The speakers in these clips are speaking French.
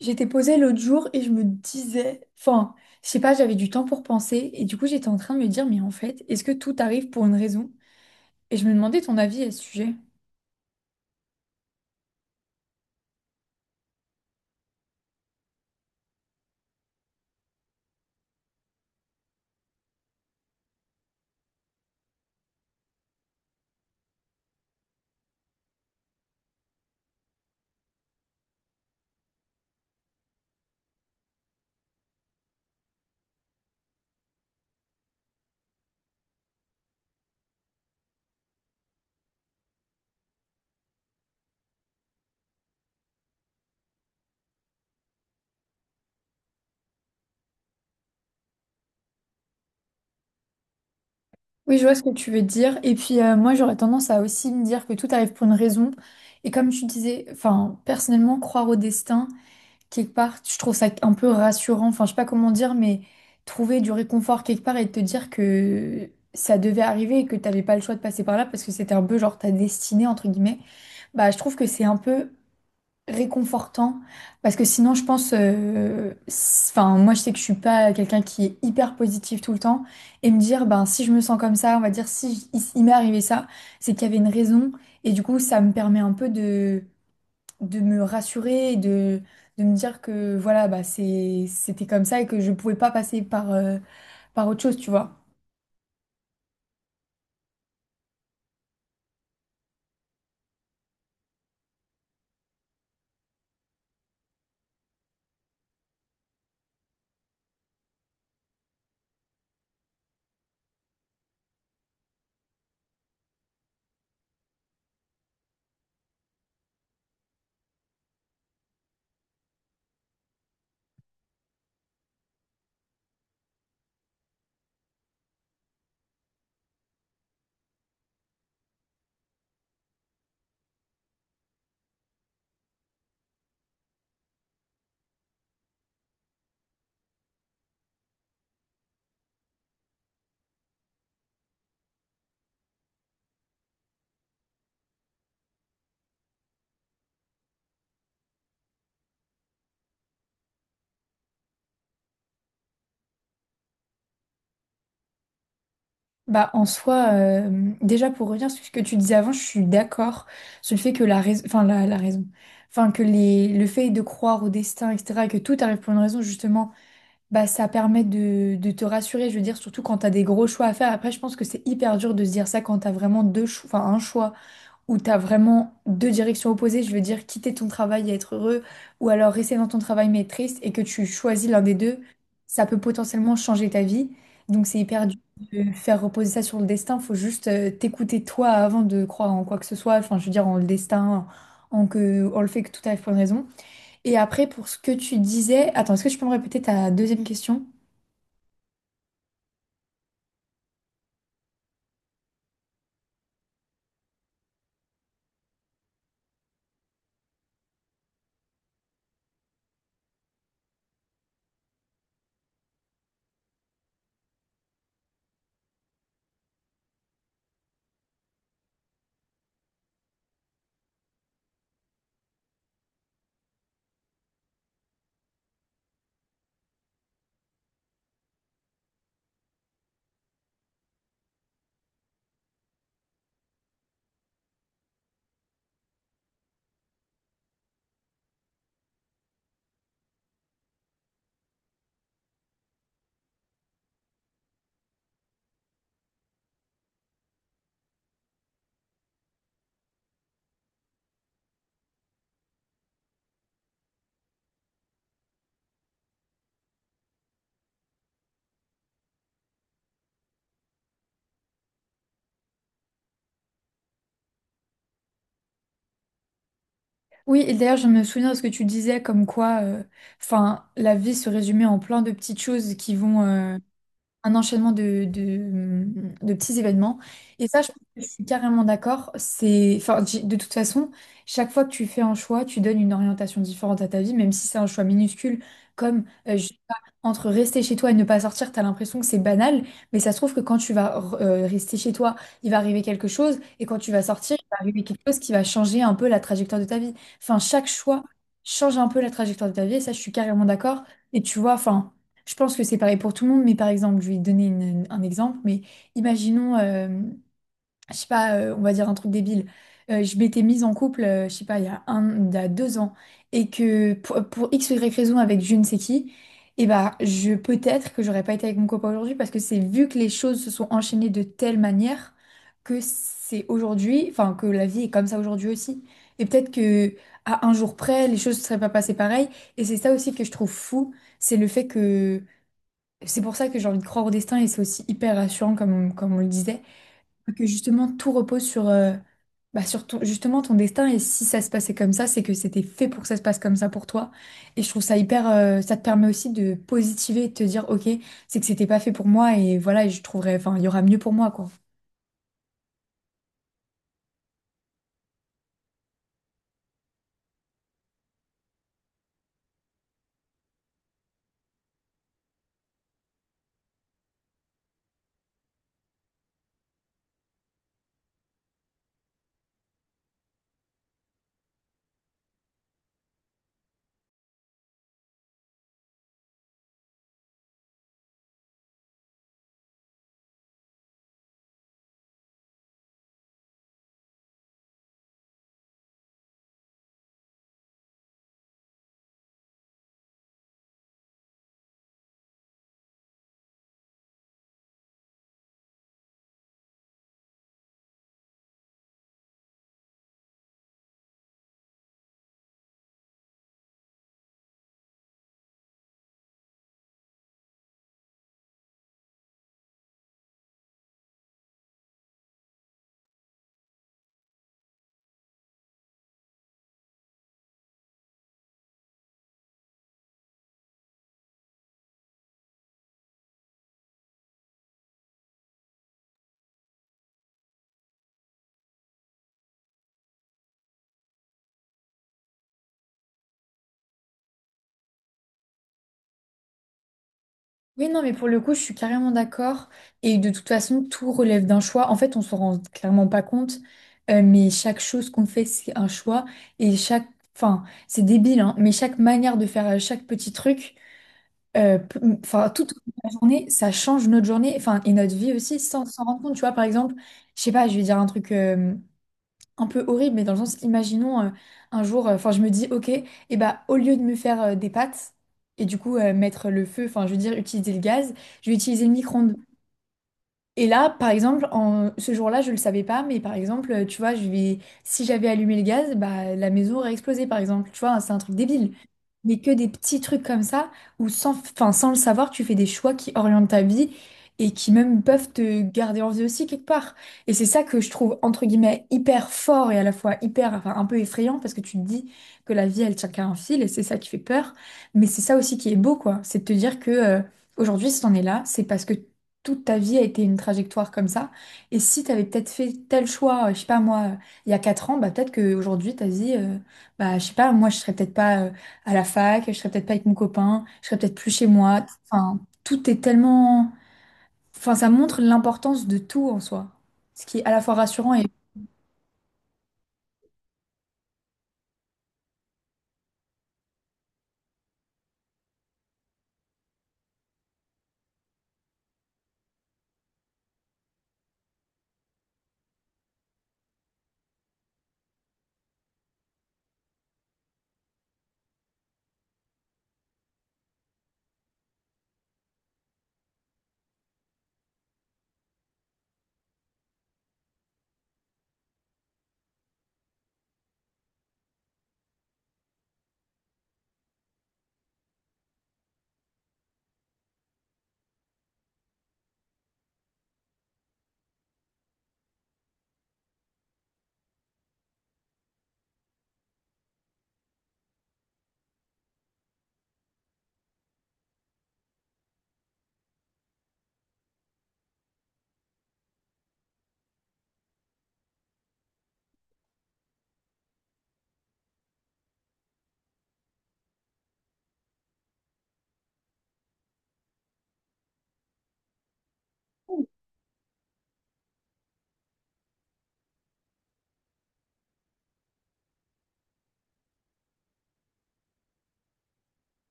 J'étais posée l'autre jour et je me disais, enfin, je sais pas, j'avais du temps pour penser et du coup j'étais en train de me dire, mais en fait, est-ce que tout arrive pour une raison? Et je me demandais ton avis à ce sujet. Oui, je vois ce que tu veux dire. Et puis moi j'aurais tendance à aussi me dire que tout arrive pour une raison. Et comme tu disais, enfin, personnellement, croire au destin quelque part. Je trouve ça un peu rassurant, enfin je sais pas comment dire, mais trouver du réconfort quelque part et te dire que ça devait arriver et que t'avais pas le choix de passer par là parce que c'était un peu genre ta destinée entre guillemets, bah je trouve que c'est un peu réconfortant parce que sinon je pense, enfin moi je sais que je suis pas quelqu'un qui est hyper positif tout le temps et me dire ben si je me sens comme ça, on va dire si j- il m'est arrivé ça, c'est qu'il y avait une raison et du coup ça me permet un peu de me rassurer et de me dire que voilà, bah, c'était comme ça et que je pouvais pas passer par, par autre chose, tu vois. Bah, en soi, déjà pour revenir sur ce que tu disais avant, je suis d'accord sur le fait que la raison, enfin le fait de croire au destin, etc., et que tout arrive pour une raison, justement, bah ça permet de te rassurer, je veux dire, surtout quand t'as des gros choix à faire. Après, je pense que c'est hyper dur de se dire ça quand t'as vraiment deux choix, enfin un choix où tu as vraiment deux directions opposées, je veux dire quitter ton travail et être heureux, ou alors rester dans ton travail mais être triste, et que tu choisis l'un des deux, ça peut potentiellement changer ta vie. Donc c'est hyper dur de faire reposer ça sur le destin, faut juste t'écouter toi avant de croire en quoi que ce soit, enfin je veux dire en le destin, en que on le fait que tout arrive pour une raison. Et après pour ce que tu disais, attends, est-ce que tu peux me répéter ta deuxième question? Oui, et d'ailleurs, je me souviens de ce que tu disais, comme quoi, enfin, la vie se résumait en plein de petites choses qui vont, un enchaînement de petits événements. Et ça, je pense que je suis carrément d'accord. De toute façon, chaque fois que tu fais un choix, tu donnes une orientation différente à ta vie, même si c'est un choix minuscule, comme je sais pas, entre rester chez toi et ne pas sortir, tu as l'impression que c'est banal, mais ça se trouve que quand tu vas rester chez toi, il va arriver quelque chose, et quand tu vas sortir, il va arriver quelque chose qui va changer un peu la trajectoire de ta vie. Enfin, chaque choix change un peu la trajectoire de ta vie, et ça, je suis carrément d'accord. Et tu vois, enfin, je pense que c'est pareil pour tout le monde, mais par exemple, je vais donner un exemple, mais imaginons, je sais pas, on va dire un truc débile. Je m'étais mise en couple, je sais pas, il y a 2 ans, et que pour X ou Y raison avec je ne sais qui, et bah, je peut-être que j'aurais pas été avec mon copain aujourd'hui parce que c'est vu que les choses se sont enchaînées de telle manière que c'est aujourd'hui, enfin que la vie est comme ça aujourd'hui aussi. Et peut-être que à un jour près, les choses ne seraient pas passées pareil. Et c'est ça aussi que je trouve fou, c'est le fait que c'est pour ça que j'ai envie de croire au destin et c'est aussi hyper rassurant comme on le disait, que justement tout repose sur, bah, sur justement ton destin et si ça se passait comme ça, c'est que c'était fait pour que ça se passe comme ça pour toi. Et je trouve ça hyper, ça te permet aussi de positiver et de te dire ok, c'est que c'était pas fait pour moi et voilà, et je trouverai, enfin il y aura mieux pour moi quoi. Oui, non, mais pour le coup, je suis carrément d'accord. Et de toute façon, tout relève d'un choix. En fait, on s'en rend clairement pas compte, mais chaque chose qu'on fait, c'est un choix. Et c'est débile, hein, mais chaque manière de faire chaque petit truc, toute la journée, ça change notre journée, enfin, et notre vie aussi, sans s'en rendre compte. Tu vois, par exemple, je sais pas, je vais dire un truc un peu horrible, mais dans le sens, imaginons un jour, enfin je me dis, ok, et bah au lieu de me faire des pâtes et du coup mettre le feu, enfin je veux dire utiliser le gaz, je vais utiliser le micro-ondes. Et là, par exemple, en... ce jour-là, je le savais pas, mais par exemple, tu vois, je vais... si j'avais allumé le gaz, bah, la maison aurait explosé, par exemple. Tu vois, c'est un truc débile. Mais que des petits trucs comme ça, où sans le savoir, tu fais des choix qui orientent ta vie et qui même peuvent te garder en vie aussi quelque part. Et c'est ça que je trouve, entre guillemets, hyper fort et à la fois hyper, enfin, un peu effrayant, parce que tu te dis que la vie, elle tient qu'à un fil, et c'est ça qui fait peur. Mais c'est ça aussi qui est beau, quoi. C'est de te dire que... aujourd'hui, si t'en es là, c'est parce que toute ta vie a été une trajectoire comme ça. Et si tu avais peut-être fait tel choix, je sais pas moi, il y a 4 ans, bah peut-être qu'aujourd'hui, tu as dit, bah je sais pas, moi je serais peut-être pas à la fac, je serais peut-être pas avec mon copain, je serais peut-être plus chez moi. Enfin, tout est tellement... Enfin, ça montre l'importance de tout en soi. Ce qui est à la fois rassurant.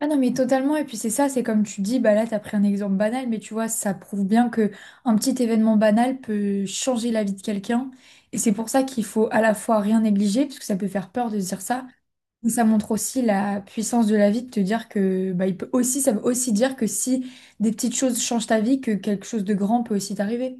Ah non mais totalement et puis c'est ça, c'est comme tu dis, bah là t'as pris un exemple banal mais tu vois ça prouve bien que un petit événement banal peut changer la vie de quelqu'un et c'est pour ça qu'il faut à la fois rien négliger parce que ça peut faire peur de se dire ça, mais ça montre aussi la puissance de la vie de te dire que bah il peut aussi, ça veut aussi dire que si des petites choses changent ta vie, que quelque chose de grand peut aussi t'arriver.